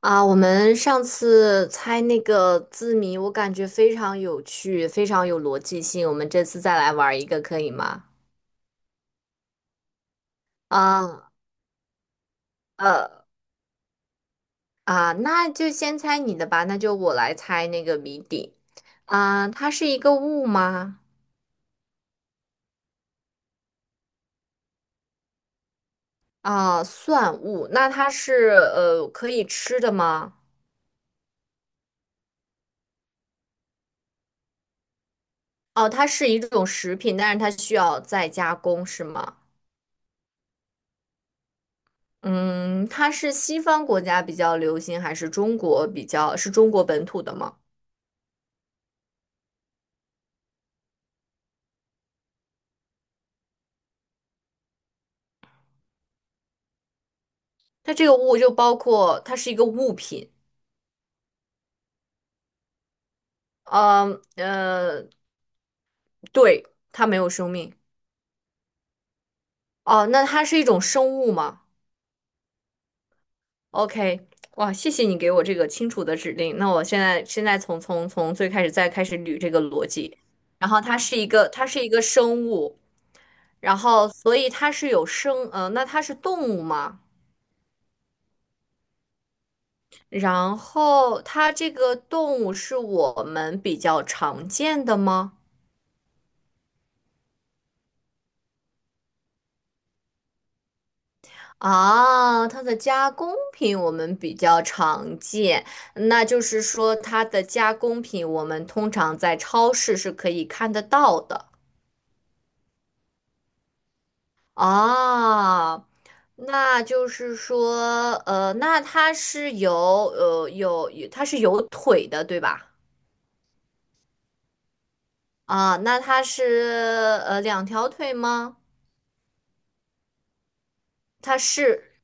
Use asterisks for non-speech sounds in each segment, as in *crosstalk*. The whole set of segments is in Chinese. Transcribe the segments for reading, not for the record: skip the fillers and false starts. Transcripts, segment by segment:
啊，我们上次猜那个字谜，我感觉非常有趣，非常有逻辑性。我们这次再来玩儿一个，可以吗？啊，呃，啊，那就先猜你的吧，那就我来猜那个谜底。啊，它是一个物吗？啊，算物。那它是可以吃的吗？哦，它是一种食品，但是它需要再加工，是吗？嗯，它是西方国家比较流行，还是中国比较，是中国本土的吗？它这个物就包括它是一个物品，呃呃，对，它没有生命。哦，那它是一种生物吗？OK，哇，谢谢你给我这个清楚的指令。那我现在从最开始再开始捋这个逻辑。然后它是一个生物，然后所以它是有生，那它是动物吗？然后它这个动物是我们比较常见的吗？啊，它的加工品我们比较常见，那就是说它的加工品我们通常在超市是可以看得到的啊。那就是说，那它是有它是有腿的，对吧？啊，那它是两条腿吗？它是，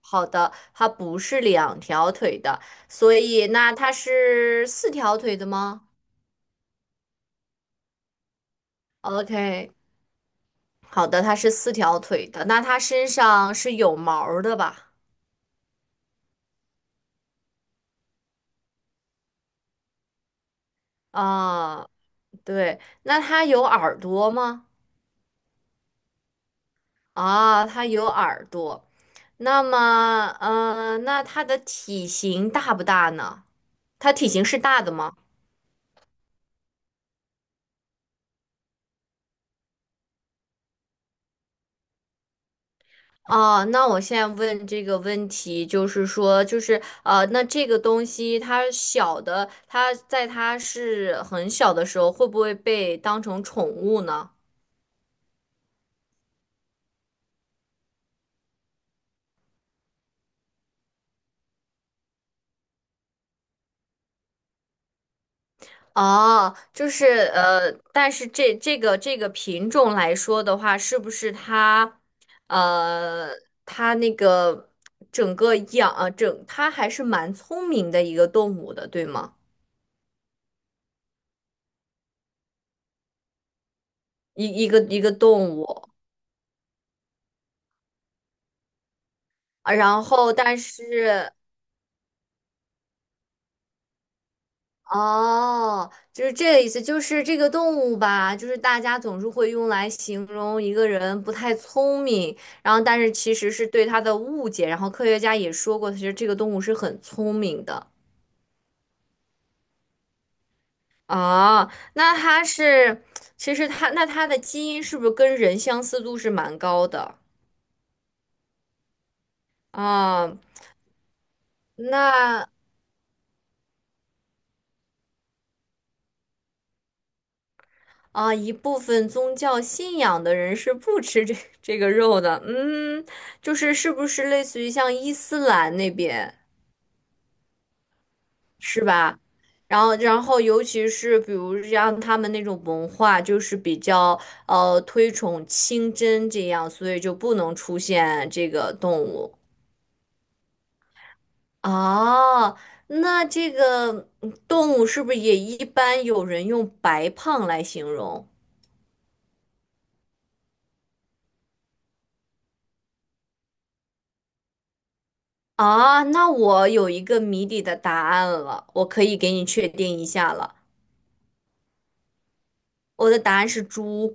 好的，它不是两条腿的，所以那它是四条腿的吗？OK，好的，它是四条腿的，那它身上是有毛儿的吧？啊，对，那它有耳朵吗？啊，它有耳朵。那么，那它的体型大不大呢？它体型是大的吗？啊，那我现在问这个问题，就是说，那这个东西它小的，它在它是很小的时候，会不会被当成宠物呢？哦，但是这个这个品种来说的话，是不是它，呃，它那个整个养啊，整它还是蛮聪明的一个动物的，对吗？一一个动物，啊然后但是哦，就是这个意思，就是这个动物吧，就是大家总是会用来形容一个人不太聪明，然后但是其实是对它的误解，然后科学家也说过，其实这个动物是很聪明的。哦，那它是，其实它那它的基因是不是跟人相似度是蛮高的啊？那啊，一部分宗教信仰的人是不吃这个肉的，嗯，就是是不是类似于像伊斯兰那边？是吧？然后，尤其是比如像他们那种文化，就是比较推崇清真这样，所以就不能出现这个动物。啊。那这个嗯动物是不是也一般有人用白胖来形容？啊，那我有一个谜底的答案了，我可以给你确定一下了，我的答案是猪。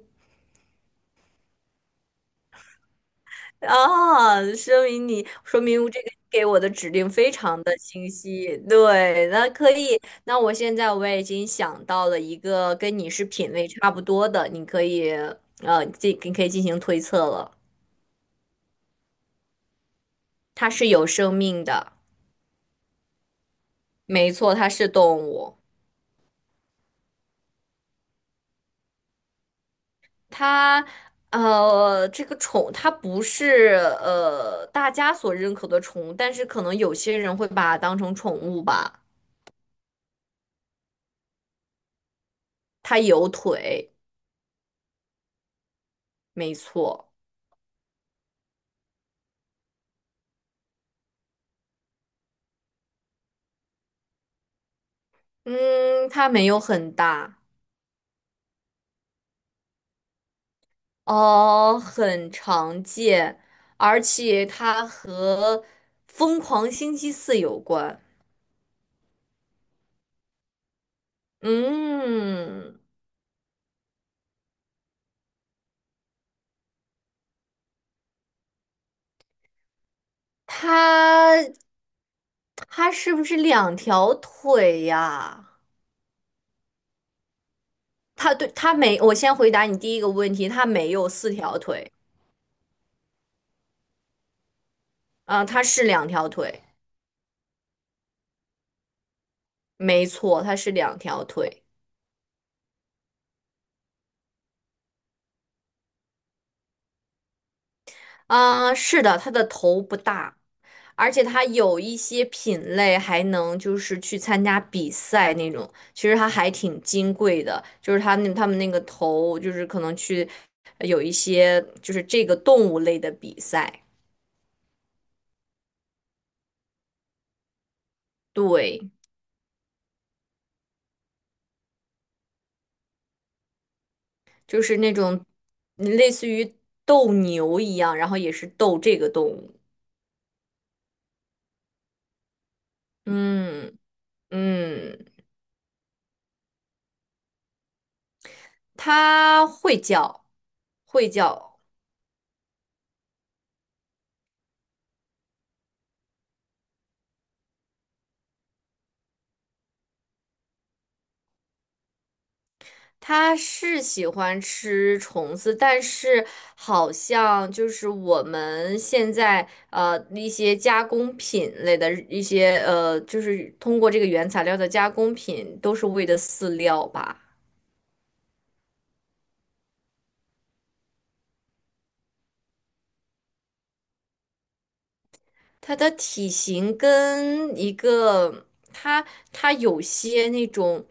啊，说明你说明这个给我的指令非常的清晰。对，那可以，那我现在我也已经想到了一个跟你是品味差不多的，你可以你可以进行推测了。它是有生命的，没错，它是动物。它这个宠它不是大家所认可的宠物，但是可能有些人会把它当成宠物吧。它有腿，没错。嗯，它没有很大，哦，很常见，而且它和《疯狂星期四》有关。嗯，它它是不是两条腿呀？它对它没，我先回答你第一个问题，它没有四条腿，啊、它是两条腿，没错，它是两条腿。啊，是的，它的头不大，而且它有一些品类还能就是去参加比赛那种，其实它还挺金贵的，就是它那他们那个头就是可能去有一些就是这个动物类的比赛，对，就是那种类似于斗牛一样，然后也是斗这个动物，嗯嗯，它会叫，会叫。他是喜欢吃虫子，但是好像就是我们现在一些加工品类的一些就是通过这个原材料的加工品都是喂的饲料吧。它的体型跟一个它它有些那种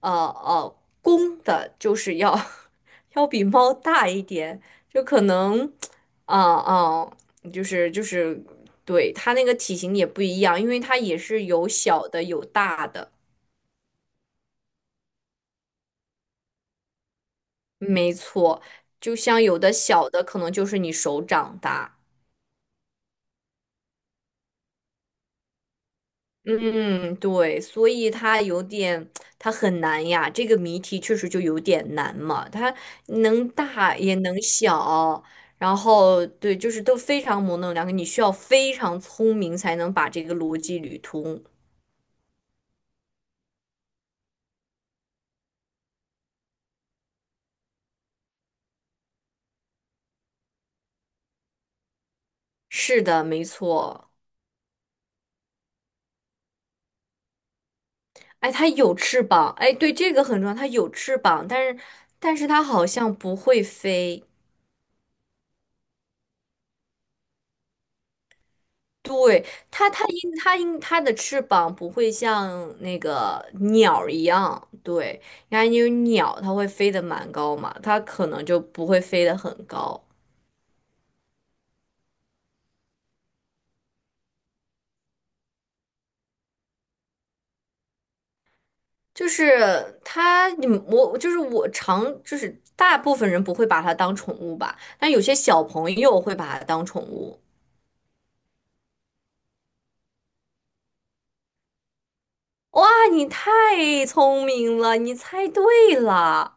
呃呃公的，就是要 *laughs* 要比猫大一点，就可能啊啊、就是对它那个体型也不一样，因为它也是有小的有大的，没错，就像有的小的可能就是你手掌大。嗯，对，所以它有点，它很难呀。这个谜题确实就有点难嘛，它能大也能小，然后对，就是都非常模棱两可，你需要非常聪明才能把这个逻辑捋通。是的，没错。哎，它有翅膀，哎，对，这个很重要，它有翅膀，但是它好像不会飞。对，它，它因它因它的翅膀不会像那个鸟儿一样，对，你看因为鸟它会飞得蛮高嘛，它可能就不会飞得很高。就是它，你我就是我常就是大部分人不会把它当宠物吧，但有些小朋友会把它当宠物。哇，你太聪明了，你猜对了。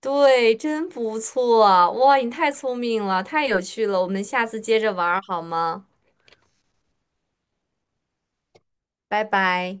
对，真不错啊！哇，你太聪明了，太有趣了，我们下次接着玩儿好吗？拜拜。